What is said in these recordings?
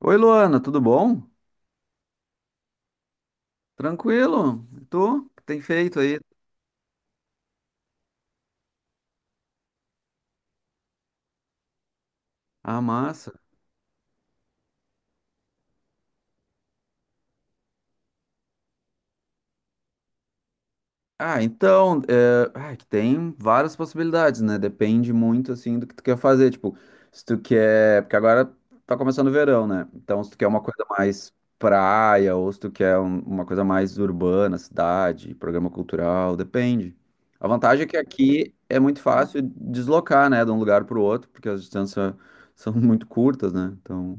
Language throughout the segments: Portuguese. Oi, Luana, tudo bom? Tranquilo? E tu? O que tem feito aí? Ah, massa. Que tem várias possibilidades, né? Depende muito, assim, do que tu quer fazer. Tipo, se tu quer... Porque agora tá começando o verão, né? Então, se tu quer uma coisa mais praia ou se tu quer uma coisa mais urbana, cidade, programa cultural, depende. A vantagem é que aqui é muito fácil deslocar, né? De um lugar pro outro, porque as distâncias são muito curtas, né? Então...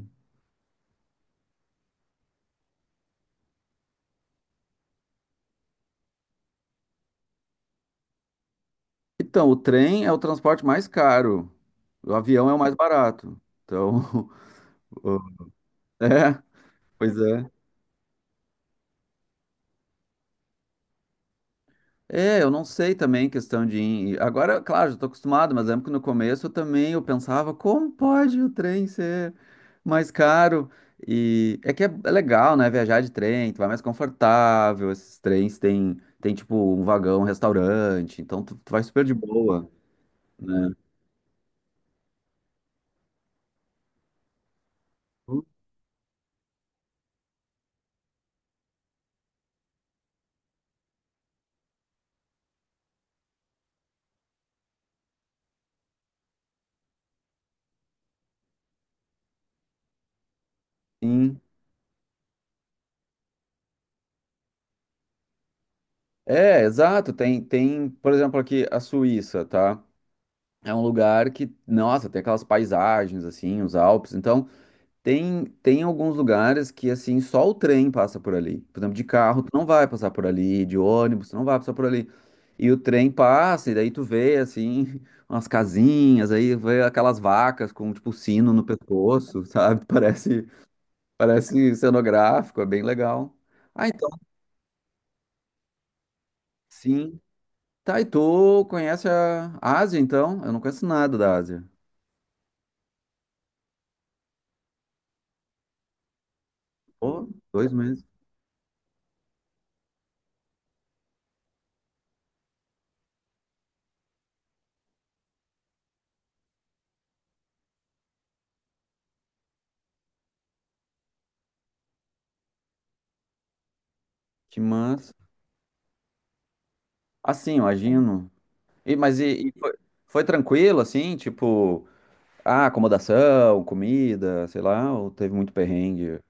Então, o trem é o transporte mais caro. O avião é o mais barato. Então, o- é, pois é. É, eu não sei também questão de. Agora, claro, já estou acostumado, mas lembro que no começo eu também eu pensava, como pode o trem ser mais caro? E é que é legal, né? Viajar de trem, tu vai mais confortável. Esses trens tem tipo um vagão, um restaurante, então tu vai super de boa, né? Sim. É, exato. Tem, por exemplo, aqui a Suíça, tá? É um lugar que, nossa, tem aquelas paisagens assim, os Alpes. Então, tem alguns lugares que assim, só o trem passa por ali. Por exemplo, de carro tu não vai passar por ali, de ônibus tu não vai passar por ali. E o trem passa e daí tu vê assim umas casinhas, aí vê aquelas vacas com tipo sino no pescoço, sabe? Parece cenográfico, é bem legal. Ah, então, sim. Tá, e tu conhece a Ásia, então? Eu não conheço nada da Ásia. Pô, 2 meses. Que massa. Assim, imagino. E, mas e, e foi, Foi tranquilo, assim? Tipo, ah, acomodação, comida, sei lá, ou teve muito perrengue?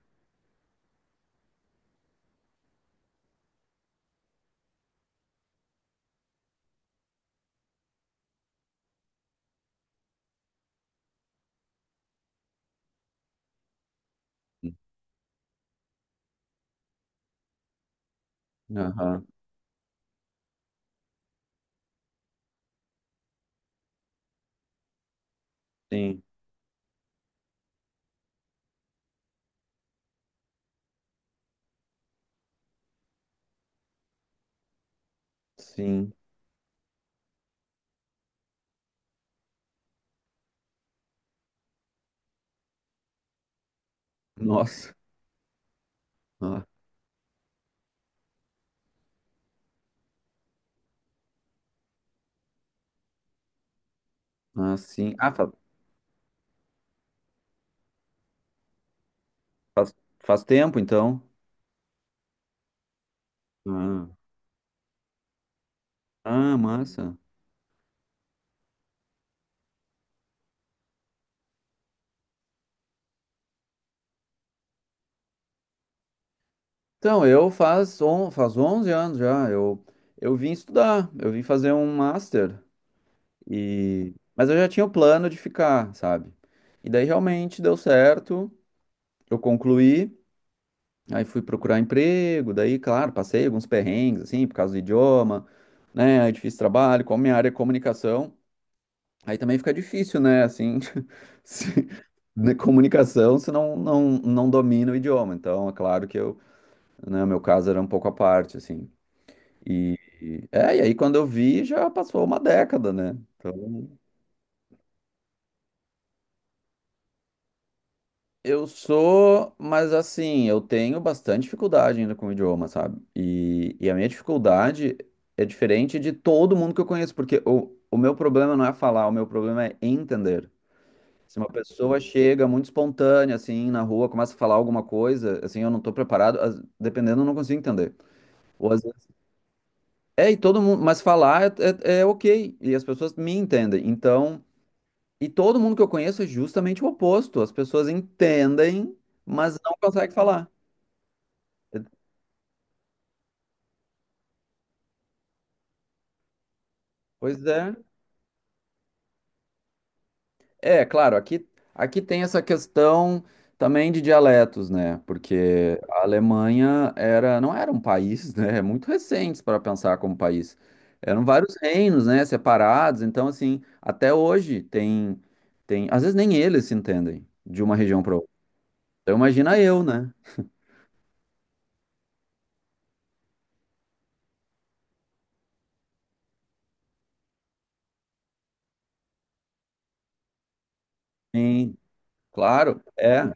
Aham, sim, sim. Nossa. Ah, ah, sim. Faz, faz tempo, então. Ah, ah, massa. Então, faz 11 anos já. Eu vim estudar, eu vim fazer um master. E... Mas eu já tinha o plano de ficar, sabe? E daí realmente deu certo, eu concluí, aí fui procurar emprego, daí, claro, passei alguns perrengues, assim, por causa do idioma, né? Aí difícil trabalho, como minha área é comunicação, aí também fica difícil, né? Assim, se- né, comunicação se não domina o idioma. Então, é claro que eu, né, o meu caso era um pouco à parte, assim. E, e aí quando eu vi, já passou uma década, né? Então, eu sou, mas assim, eu tenho bastante dificuldade ainda com o idioma, sabe? E a minha dificuldade é diferente de todo mundo que eu conheço, porque o meu problema não é falar, o meu problema é entender. Se uma pessoa chega muito espontânea, assim, na rua, começa a falar alguma coisa, assim, eu não tô preparado, dependendo, eu não consigo entender. Ou às vezes, é, E todo mundo, mas falar é ok, e as pessoas me entendem. Então, e todo mundo que eu conheço é justamente o oposto, as pessoas entendem, mas não conseguem falar. Pois é. É, claro, aqui, Aqui tem essa questão também de dialetos, né? Porque a Alemanha era, não era um país, né? É muito recente para pensar como país. Eram vários reinos, né? Separados. Então, assim, até hoje tem, às vezes nem eles se entendem de uma região para outra. Então, imagina eu, né? Sim, claro. É.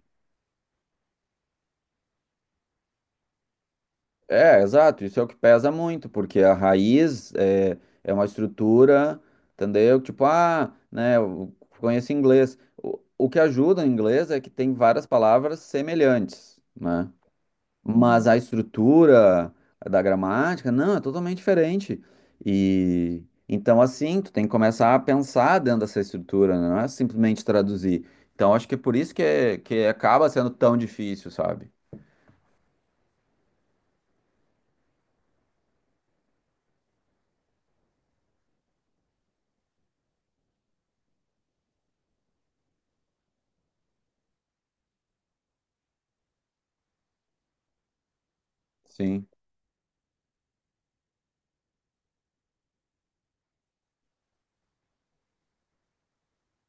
É, exato, isso é o que pesa muito, porque é uma estrutura, entendeu? Tipo, ah, né, eu conheço inglês. O que ajuda em inglês é que tem várias palavras semelhantes, né? Mas a estrutura da gramática, não, é totalmente diferente. E então, assim, tu tem que começar a pensar dentro dessa estrutura, né? Não é simplesmente traduzir. Então, acho que é por isso que, que acaba sendo tão difícil, sabe? Sim.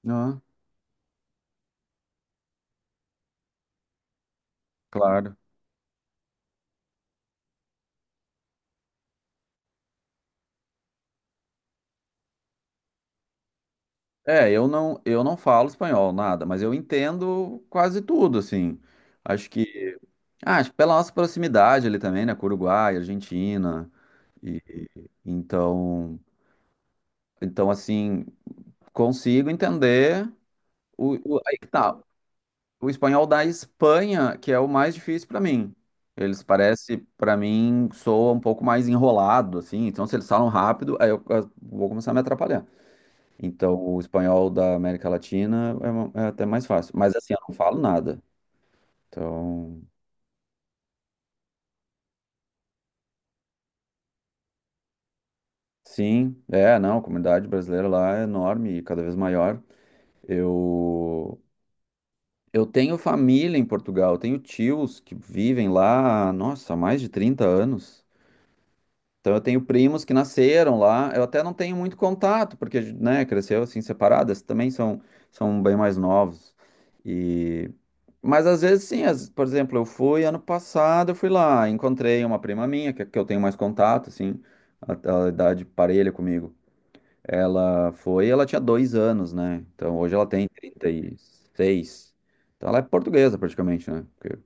Ah, claro. Eu não falo espanhol, nada, mas eu entendo quase tudo, assim. Acho que, Acho que pela nossa proximidade ali também, né, com o Uruguai, Argentina, então, então assim, consigo entender aí que tá, o espanhol da Espanha, que é o mais difícil para mim. Eles parece, para mim, soa um pouco mais enrolado, assim. Então, se eles falam rápido, aí eu vou começar a me atrapalhar. Então, o espanhol da América Latina é, é até mais fácil. Mas assim, eu não falo nada. Então, sim, é, não, a comunidade brasileira lá é enorme e cada vez maior. Eu, eu tenho família em Portugal, eu tenho tios que vivem lá, nossa, há mais de 30 anos. Então eu tenho primos que nasceram lá, eu até não tenho muito contato, porque, né, cresceu assim separadas, também são, são bem mais novos. E... Mas às vezes sim, por exemplo, eu fui ano passado, eu fui lá, encontrei uma prima minha, que eu tenho mais contato, assim, a idade parelha comigo. Ela foi, ela tinha 2 anos, né? Então hoje ela tem 36. Então ela é portuguesa praticamente, né? Porque-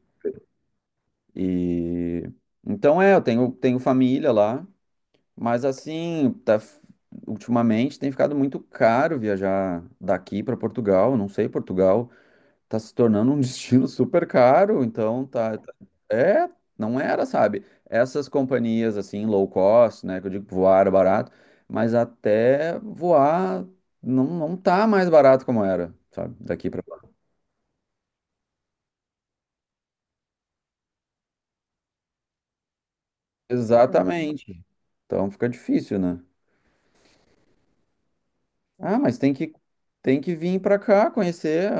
E então é, tenho família lá. Mas assim, tá, ultimamente tem ficado muito caro viajar daqui para Portugal. Não sei, Portugal tá se tornando um destino super caro, então é, não era, sabe? Essas companhias assim low cost, né, que eu digo que voar era barato, mas até voar não tá mais barato como era, sabe? Daqui para lá. Exatamente. Então fica difícil, né? Ah, mas tem que vir pra cá conhecer.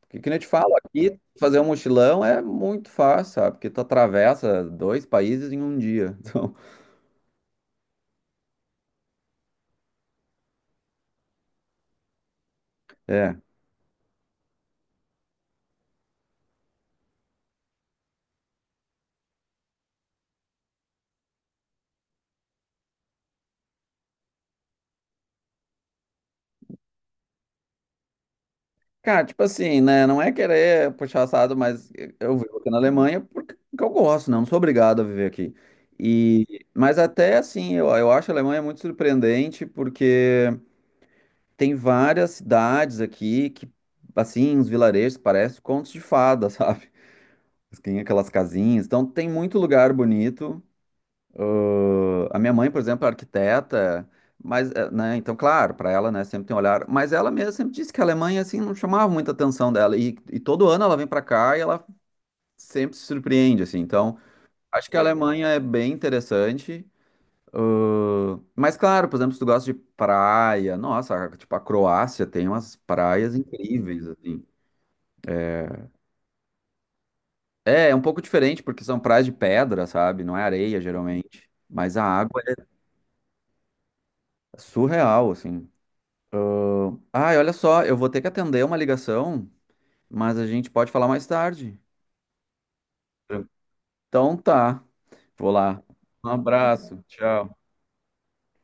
Porque que nem eu te falo, aqui fazer um mochilão é muito fácil, sabe? Porque tu atravessa dois países em um dia. Então, é. Cara, tipo assim, né? Não é querer puxar assado, mas eu vivo aqui na Alemanha porque eu gosto, né? Não sou obrigado a viver aqui. Eu acho a Alemanha muito surpreendente porque tem várias cidades aqui que, assim, uns vilarejos que parecem contos de fada, sabe? Tem aquelas casinhas. Então, tem muito lugar bonito. Ah, a minha mãe, por exemplo, é arquiteta, mas, né, então, claro, para ela, né, sempre tem um olhar. Mas ela mesma sempre disse que a Alemanha, assim, não chamava muita atenção dela. E todo ano ela vem para cá e ela sempre se surpreende, assim. Então, acho que a Alemanha é bem interessante. Ah, mas, claro, por exemplo, se tu gosta de praia, nossa, tipo, a Croácia tem umas praias incríveis, assim. É, é um pouco diferente, porque são praias de pedra, sabe? Não é areia, geralmente. Mas a água é surreal, assim. Ai, olha só, eu vou ter que atender uma ligação, mas a gente pode falar mais tarde. Então tá, vou lá. Um abraço, tchau.